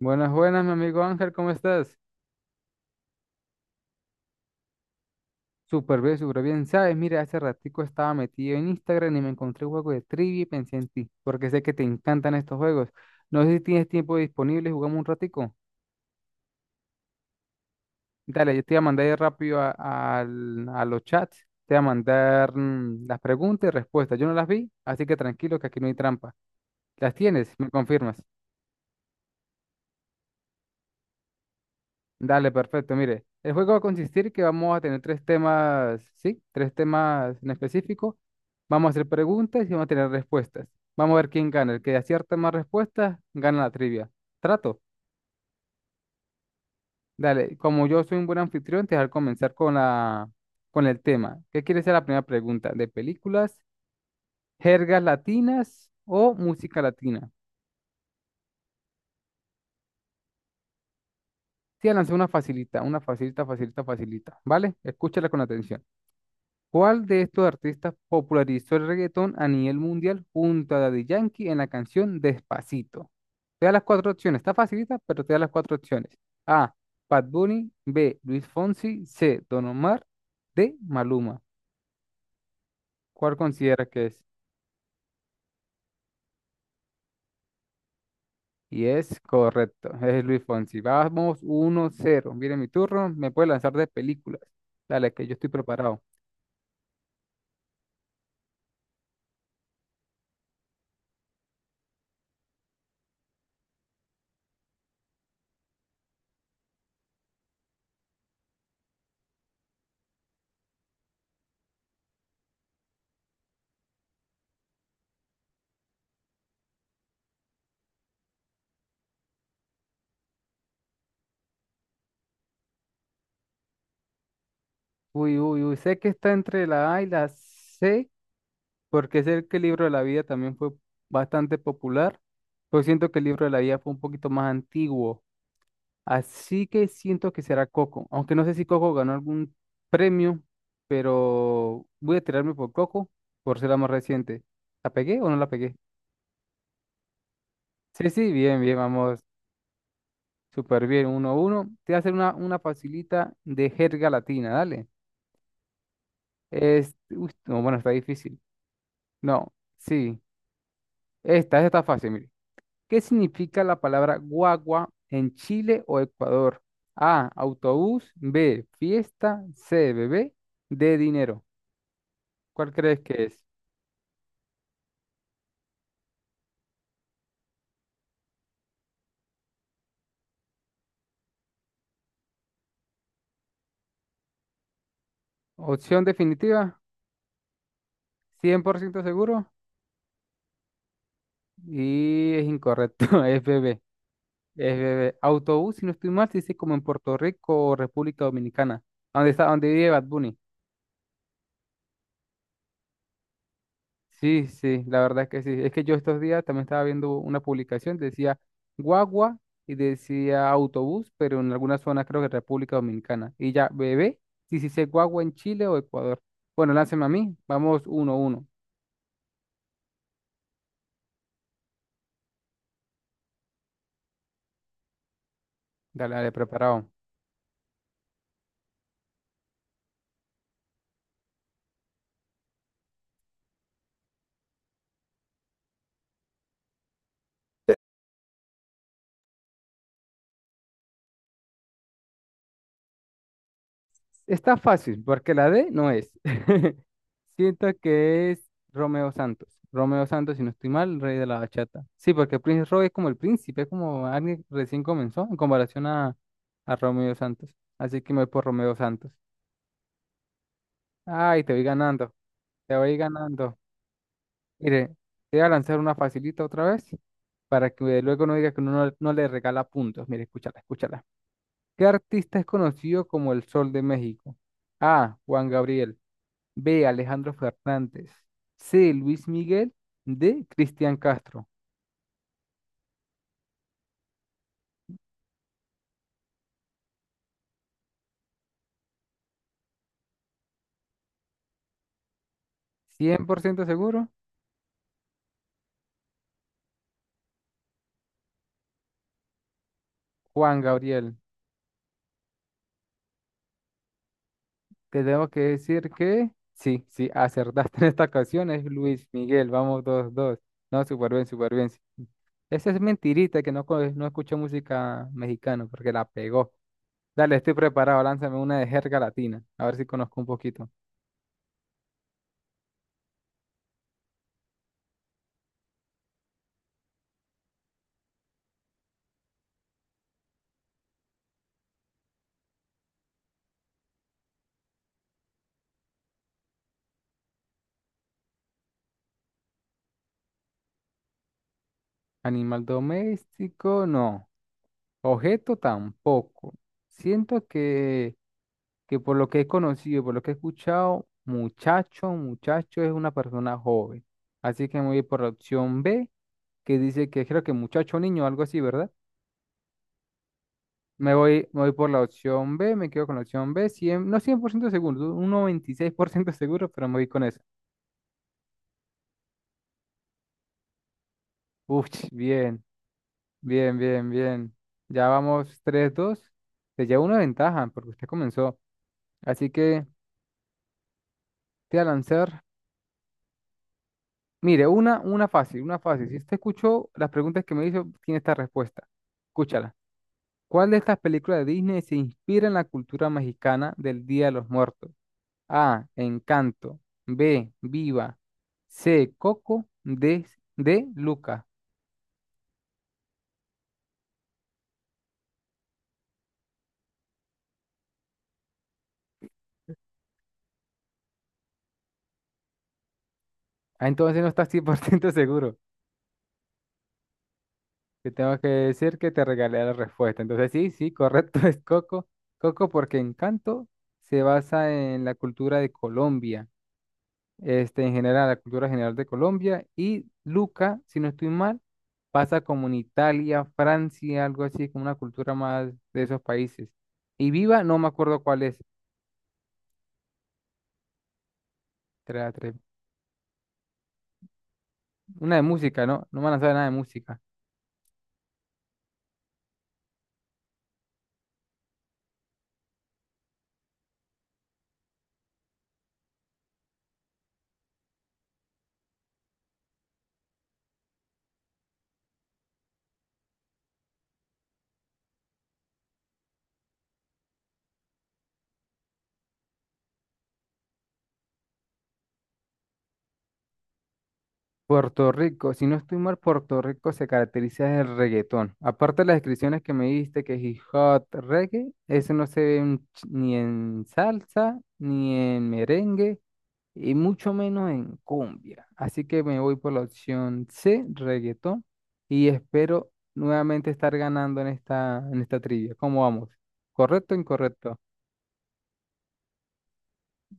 Buenas, buenas, mi amigo Ángel, ¿cómo estás? Súper bien, súper bien. Sabes, mira, hace ratico estaba metido en Instagram y me encontré un juego de trivia y pensé en ti, porque sé que te encantan estos juegos. No sé si tienes tiempo disponible, jugamos un ratico. Dale, yo te voy a mandar ahí rápido a, a los chats, te voy a mandar las preguntas y respuestas. Yo no las vi, así que tranquilo que aquí no hay trampa. ¿Las tienes? ¿Me confirmas? Dale, perfecto. Mire, el juego va a consistir que vamos a tener tres temas, sí, tres temas en específico. Vamos a hacer preguntas y vamos a tener respuestas. Vamos a ver quién gana. El que acierta más respuestas, gana la trivia. Trato. Dale, como yo soy un buen anfitrión, te voy a comenzar con la, con el tema. ¿Qué quiere ser la primera pregunta? ¿De películas, jergas latinas o música latina? Te voy a lanzar una facilita, facilita, facilita. ¿Vale? Escúchala con atención. ¿Cuál de estos artistas popularizó el reggaetón a nivel mundial junto a Daddy Yankee en la canción Despacito? Te da las cuatro opciones, está facilita, pero te da las cuatro opciones. A. Bad Bunny, B. Luis Fonsi, C. Don Omar, D. Maluma. ¿Cuál consideras que es? Y es correcto, es Luis Fonsi. Vamos 1-0. Viene mi turno, me puede lanzar de películas. Dale, que yo estoy preparado. Uy, uy, uy, sé que está entre la A y la C, porque sé que el libro de la vida también fue bastante popular, pero siento que el libro de la vida fue un poquito más antiguo, así que siento que será Coco, aunque no sé si Coco ganó algún premio, pero voy a tirarme por Coco por ser la más reciente. ¿La pegué o no la pegué? Sí, sí, bien, bien, vamos, súper bien, uno a uno. Te voy a hacer una facilita de jerga latina, dale. Es, uy, no, bueno, está difícil. No, sí, esta está fácil, mire. ¿Qué significa la palabra guagua en Chile o Ecuador? A, autobús, B, fiesta, C, bebé, D, dinero. ¿Cuál crees que es? Opción definitiva, 100% seguro y es incorrecto, es bebé, es bebé. Autobús, si no estoy mal, se dice como en Puerto Rico o República Dominicana, donde está, donde vive Bad Bunny. Sí, sí, la verdad es que sí. Es que yo estos días también estaba viendo una publicación, decía guagua y decía autobús, pero en algunas zonas creo que República Dominicana. Y ya, bebé, si se dice guagua en Chile o Ecuador. Bueno, lánceme a mí. Vamos uno a uno. Dale, dale, preparado. Está fácil, porque la D no es. Siento que es Romeo Santos. Romeo Santos, si no estoy mal, rey de la bachata. Sí, porque Prince Roy es como el príncipe, es como alguien que recién comenzó en comparación a Romeo Santos. Así que me voy por Romeo Santos. Ay, te voy ganando, te voy ganando. Mire, te voy a lanzar una facilita otra vez para que luego no diga que uno no, no le regala puntos. Mire, escúchala, escúchala. ¿Qué artista es conocido como el Sol de México? A. Juan Gabriel. B. Alejandro Fernández. C. Luis Miguel. D. Cristian Castro. Cien por ciento seguro. Juan Gabriel. Te tengo que decir que sí, sí, acertaste en esta ocasión. Es Luis Miguel. Vamos, dos, dos. No, súper bien, súper bien. Esa es mentirita que no, no escucha música mexicana porque la pegó. Dale, estoy preparado. Lánzame una de jerga latina. A ver si conozco un poquito. Animal doméstico, no. Objeto tampoco. Siento que por lo que he conocido, por lo que he escuchado, muchacho es una persona joven. Así que me voy por la opción B, que dice que creo que muchacho, niño, algo así, ¿verdad? Me voy por la opción B, me quedo con la opción B, 100 no 100% seguro, un 96% seguro, pero me voy con esa. Uf, bien, bien, bien, bien. Ya vamos tres dos. Se lleva una ventaja porque usted comenzó. Así que te voy a lanzar. Mire, una fácil, una fácil. Si usted escuchó las preguntas que me hizo, tiene esta respuesta. Escúchala. ¿Cuál de estas películas de Disney se inspira en la cultura mexicana del Día de los Muertos? A. Encanto. B. Viva. C. Coco. D. Luca. Ah, entonces no estás 100% seguro. Te tengo que decir que te regalé la respuesta. Entonces sí, sí, correcto, es Coco. Coco porque Encanto se basa en la cultura de Colombia. Este, en general, la cultura general de Colombia, y Luca, si no estoy mal, pasa como en Italia, Francia, algo así, como una cultura más de esos países. Y Viva, no me acuerdo cuál es, tra- tra- una de música, ¿no? No me han lanzado nada de música. Puerto Rico, si no estoy mal, Puerto Rico se caracteriza del reggaetón. Aparte de las descripciones que me diste, que es hip hop, reggae, eso no se ve en ni en salsa, ni en merengue, y mucho menos en cumbia. Así que me voy por la opción C, reggaetón, y espero nuevamente estar ganando en esta trivia. ¿Cómo vamos? ¿Correcto o incorrecto?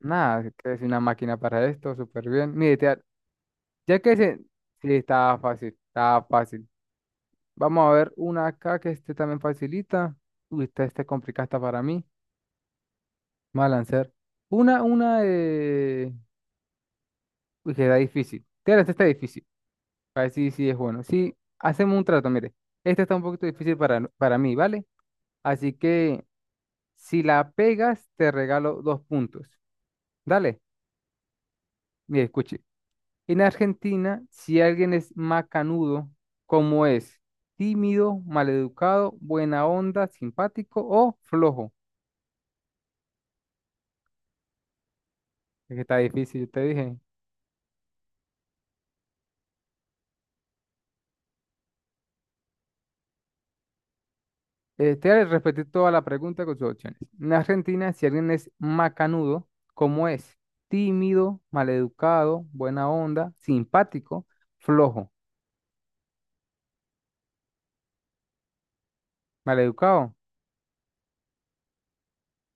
Nada, que es una máquina para esto, súper bien. Mire, ya que se... Sí, estaba fácil, estaba fácil. Vamos a ver una acá que este también facilita. Uy, esta es complicada esta para mí. Vamos a lanzar. Una, una de... Uy, que está difícil. Tírate, esta está difícil. Para sí, sí, es bueno. Sí, hacemos un trato, mire. Esta está un poquito difícil para, para mí, ¿vale? Así que si la pegas, te regalo dos puntos. Dale, mire, escuche. En Argentina, si alguien es macanudo, ¿cómo es? Tímido, maleducado, buena onda, simpático o flojo. Es que está difícil, yo te dije. Este, repetir toda la pregunta con sus opciones. En Argentina, si alguien es macanudo, ¿cómo es? Tímido, maleducado, buena onda, simpático, flojo, maleducado.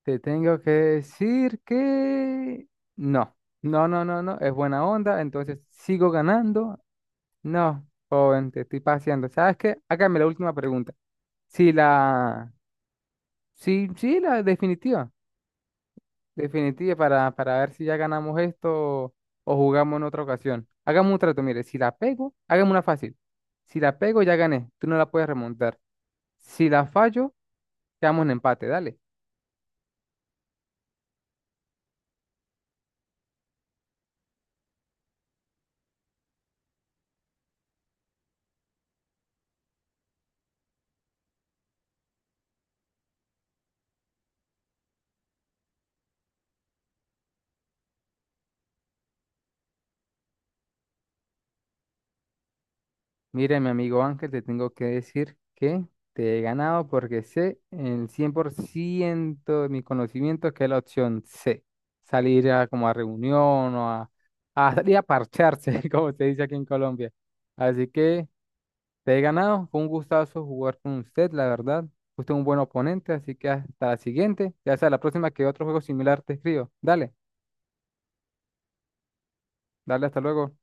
Te tengo que decir que no, no, no, no, es buena onda, entonces sigo ganando. No, joven, te estoy paseando. ¿Sabes qué? Hágame la última pregunta. Si la, sí, sí, la definitiva. Definitiva para ver si ya ganamos esto o jugamos en otra ocasión. Hagamos un trato, mire, si la pego, hagamos una fácil. Si la pego, ya gané, tú no la puedes remontar. Si la fallo, quedamos en empate, dale. Mire, mi amigo Ángel, te tengo que decir que te he ganado porque sé en el 100% de mis conocimientos que es la opción C. Salir a como a reunión o a salir a parcharse, como se dice aquí en Colombia. Así que… Te he ganado, fue un gustazo jugar con usted, la verdad. Usted es un buen oponente, así que hasta la siguiente. Ya sea la próxima que otro juego similar te escribo. Dale, dale, hasta luego.